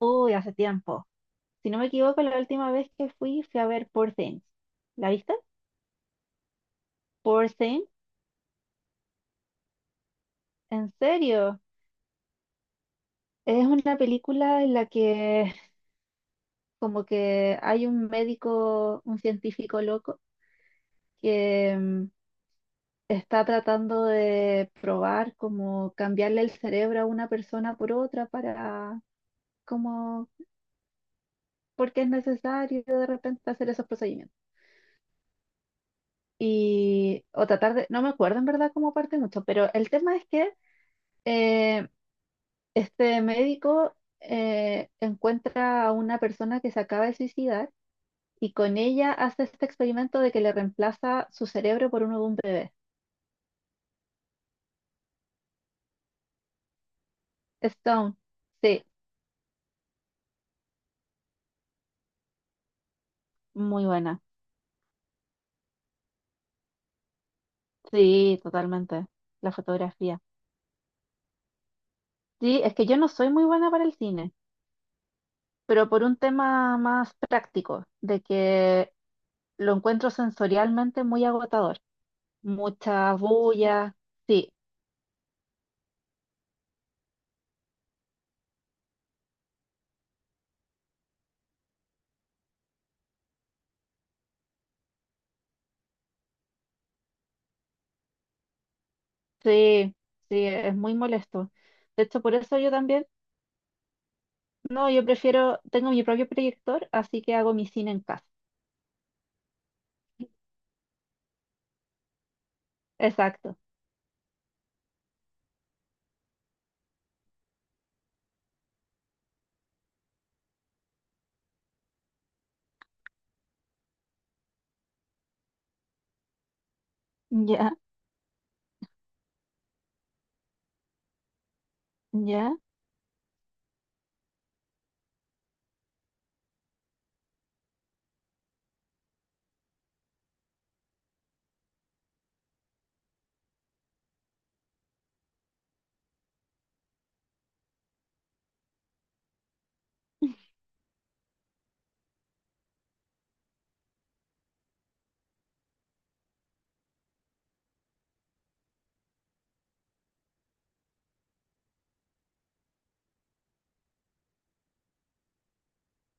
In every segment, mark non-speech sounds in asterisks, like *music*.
Uy, hace tiempo. Si no me equivoco, la última vez que fui, fui a ver Poor Things. ¿La viste? Poor Things, ¿en serio? Es una película en la que como que hay un médico, un científico loco, que está tratando de probar como cambiarle el cerebro a una persona por otra para como porque es necesario de repente hacer esos procedimientos. Y o tratar de, no me acuerdo en verdad cómo parte mucho, pero el tema es que eh, este médico encuentra a una persona que se acaba de suicidar y con ella hace este experimento de que le reemplaza su cerebro por uno de un bebé. Stone, sí, muy buena. Sí, totalmente. La fotografía. Sí, es que yo no soy muy buena para el cine, pero por un tema más práctico, de que lo encuentro sensorialmente muy agotador. Mucha bulla. Sí, sí, sí, es muy molesto. De hecho, por eso yo también... No, yo prefiero, tengo mi propio proyector, así que hago mi cine en casa. Exacto. Ya, ya.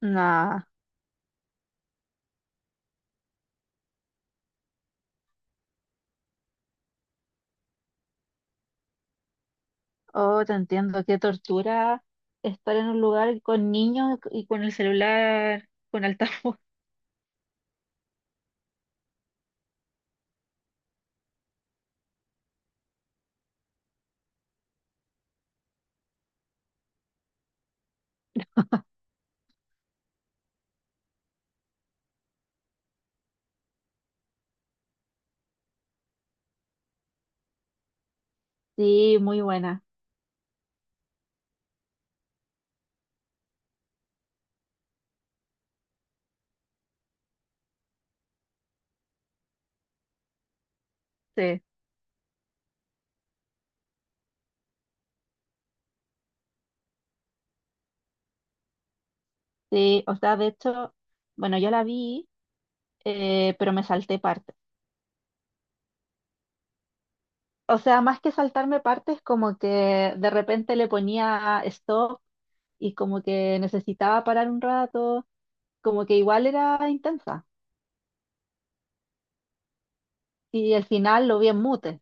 Nah. Oh, te entiendo, qué tortura estar en un lugar con niños y con el celular con altavoz. *laughs* Sí, muy buena. Sí, sí. O sea, de hecho, bueno, yo la vi, pero me salté partes. O sea, más que saltarme partes, como que de repente le ponía stop y como que necesitaba parar un rato, como que igual era intensa. Y el final lo vi en mute.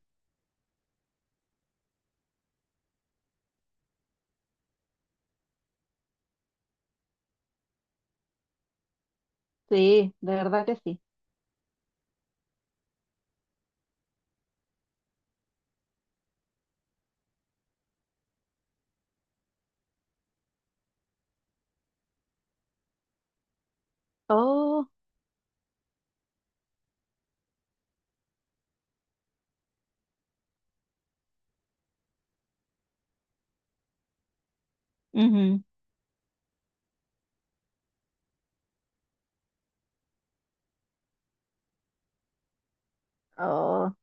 Sí, de verdad que sí. Oh. Ujú. Oh.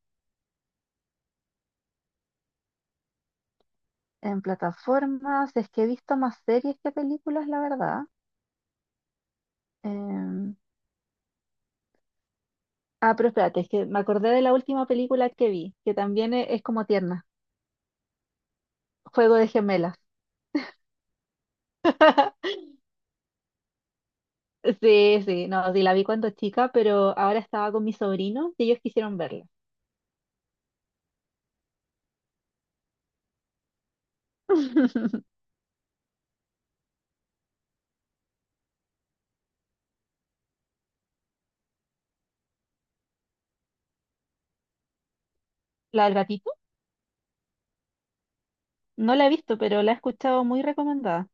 En plataformas, es que he visto más series que películas, la verdad. Em, ah, pero espérate, es que me acordé de la última película que vi, que también es, como tierna. Juego de gemelas. *laughs* Sí, sí, no, sí, la vi cuando chica, pero ahora estaba con mis sobrinos y ellos quisieron verla. *laughs* ¿La del gatito? No la he visto, pero la he escuchado muy recomendada.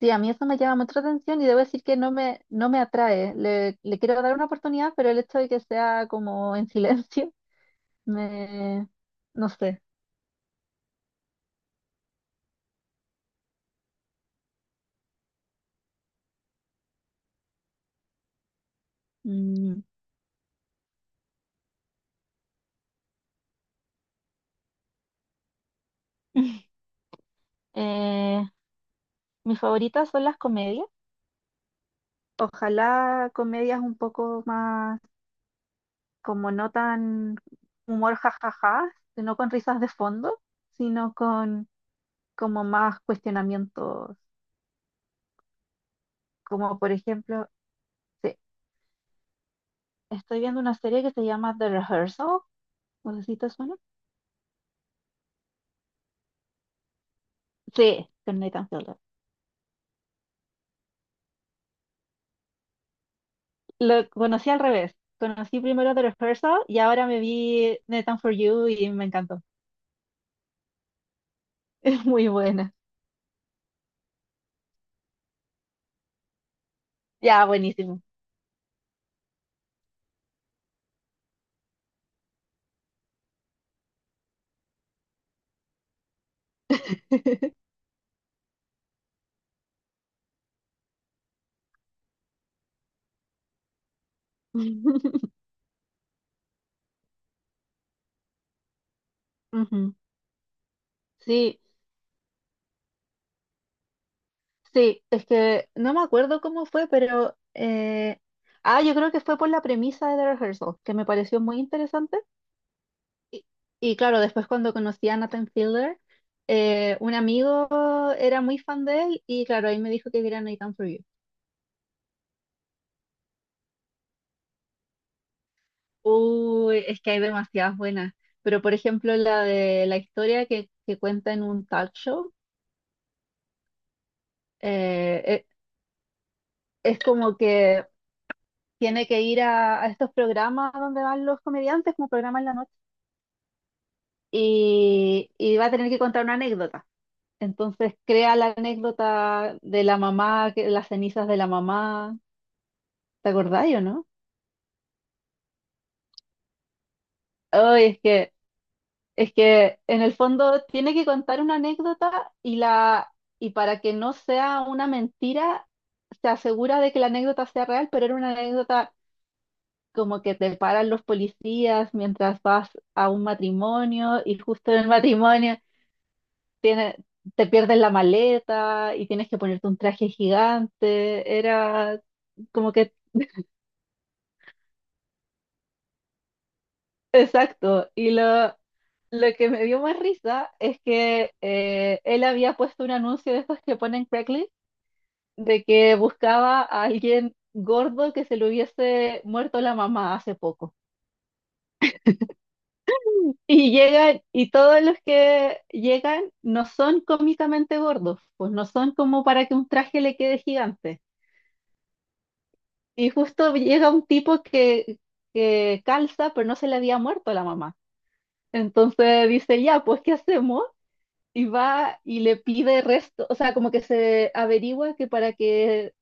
Sí, a mí eso me llama mucha atención y debo decir que no me atrae. Le quiero dar una oportunidad, pero el hecho de que sea como en silencio, *laughs* me, no sé. Mm. *laughs* Eh, mis favoritas son las comedias. Ojalá comedias un poco más, como no tan humor jajaja, sino con risas de fondo, sino con como más cuestionamientos. Como por ejemplo, sí, estoy viendo una serie que se llama The Rehearsal. No sé si te suena. Sí, con Nathan Fielder. Lo conocí al revés. Conocí primero The Rehearsal y ahora me vi Nathan For You y me encantó. *laughs* Es muy buena. Ya, buenísimo. *laughs* Ujú. Sí, sí, es que no me acuerdo cómo fue, pero... ah, yo creo que fue por la premisa de The Rehearsal, que me pareció muy interesante. Y, y claro, después cuando conocí a Nathan Fielder, un amigo era muy fan de él y claro, ahí me dijo que viera Nathan For You. Uy, es que hay demasiadas buenas. Pero por ejemplo, la de la historia que cuenta en un talk show, eh, e- es como que tiene que ir a estos programas donde van los comediantes, como programas en la noche, y va a tener que contar una anécdota. Entonces crea la anécdota de la mamá, que, las cenizas de la mamá. ¿Te acordáis o no? Uy, es que es que en el fondo tiene que contar una anécdota y la para que no sea una mentira, se asegura de que la anécdota sea real, pero era una anécdota como que te paran los policías mientras vas a un matrimonio y justo en el matrimonio tiene, te pierden la maleta y tienes que ponerte un traje gigante. Era como que exacto. Lo que me dio más risa es que él había puesto un anuncio de estos que ponen Craigslist de que buscaba a alguien gordo que se le hubiese muerto la mamá hace poco. Y llegan, y todos los que llegan no son cómicamente gordos, pues no son como para que un traje le quede gigante. Y justo llega un tipo que calza, pero no se le había muerto la mamá. Entonces dice, ya, pues ¿qué hacemos? Y va y le pide resto, o sea, como que se averigua que para que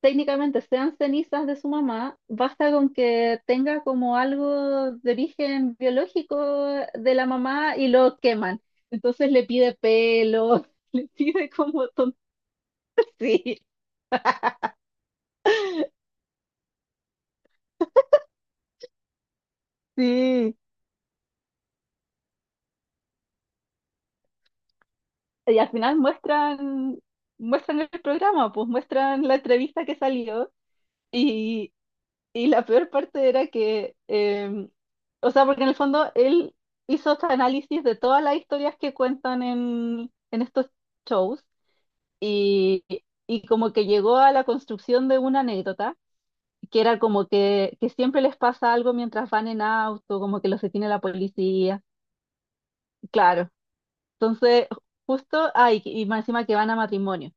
técnicamente sean cenizas de su mamá, basta con que tenga como algo de origen biológico de la mamá y lo queman. Entonces le pide pelo, *laughs* le pide como tonto. Sí, sí. Y al final muestran, muestran el programa, pues muestran la entrevista que salió y, y la peor parte era que, o sea, porque en el fondo él hizo este análisis de todas las historias que cuentan en estos shows y, y como que llegó a la construcción de una anécdota, que era como que siempre les pasa algo mientras van en auto, como que los detiene la policía, claro. Entonces, justo, ay, y más encima que van a matrimonio.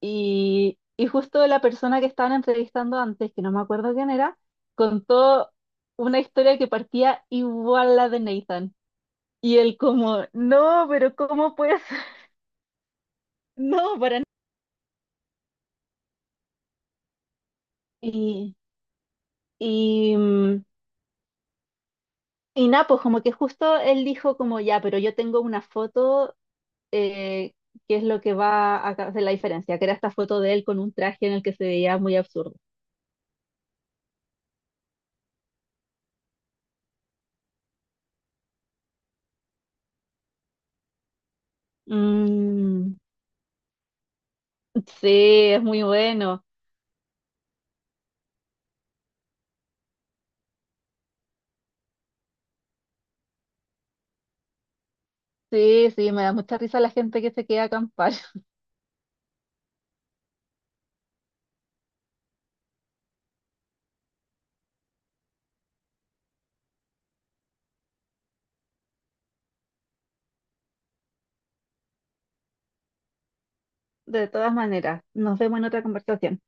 Y justo la persona que estaban entrevistando antes, que no me acuerdo quién era, contó una historia que partía igual a la de Nathan. Y él como, no, pero ¿cómo puedes? *laughs* No, para nada. Y, y, mm, Y nada, pues como que justo él dijo como ya, pero yo tengo una foto eh, que es lo que va a hacer la diferencia, que era esta foto de él con un traje en el que se veía muy absurdo. Mm, sí, es muy bueno. Sí, sí, me da mucha risa la gente que se queda a acampar. *laughs* De todas maneras, nos vemos en otra conversación.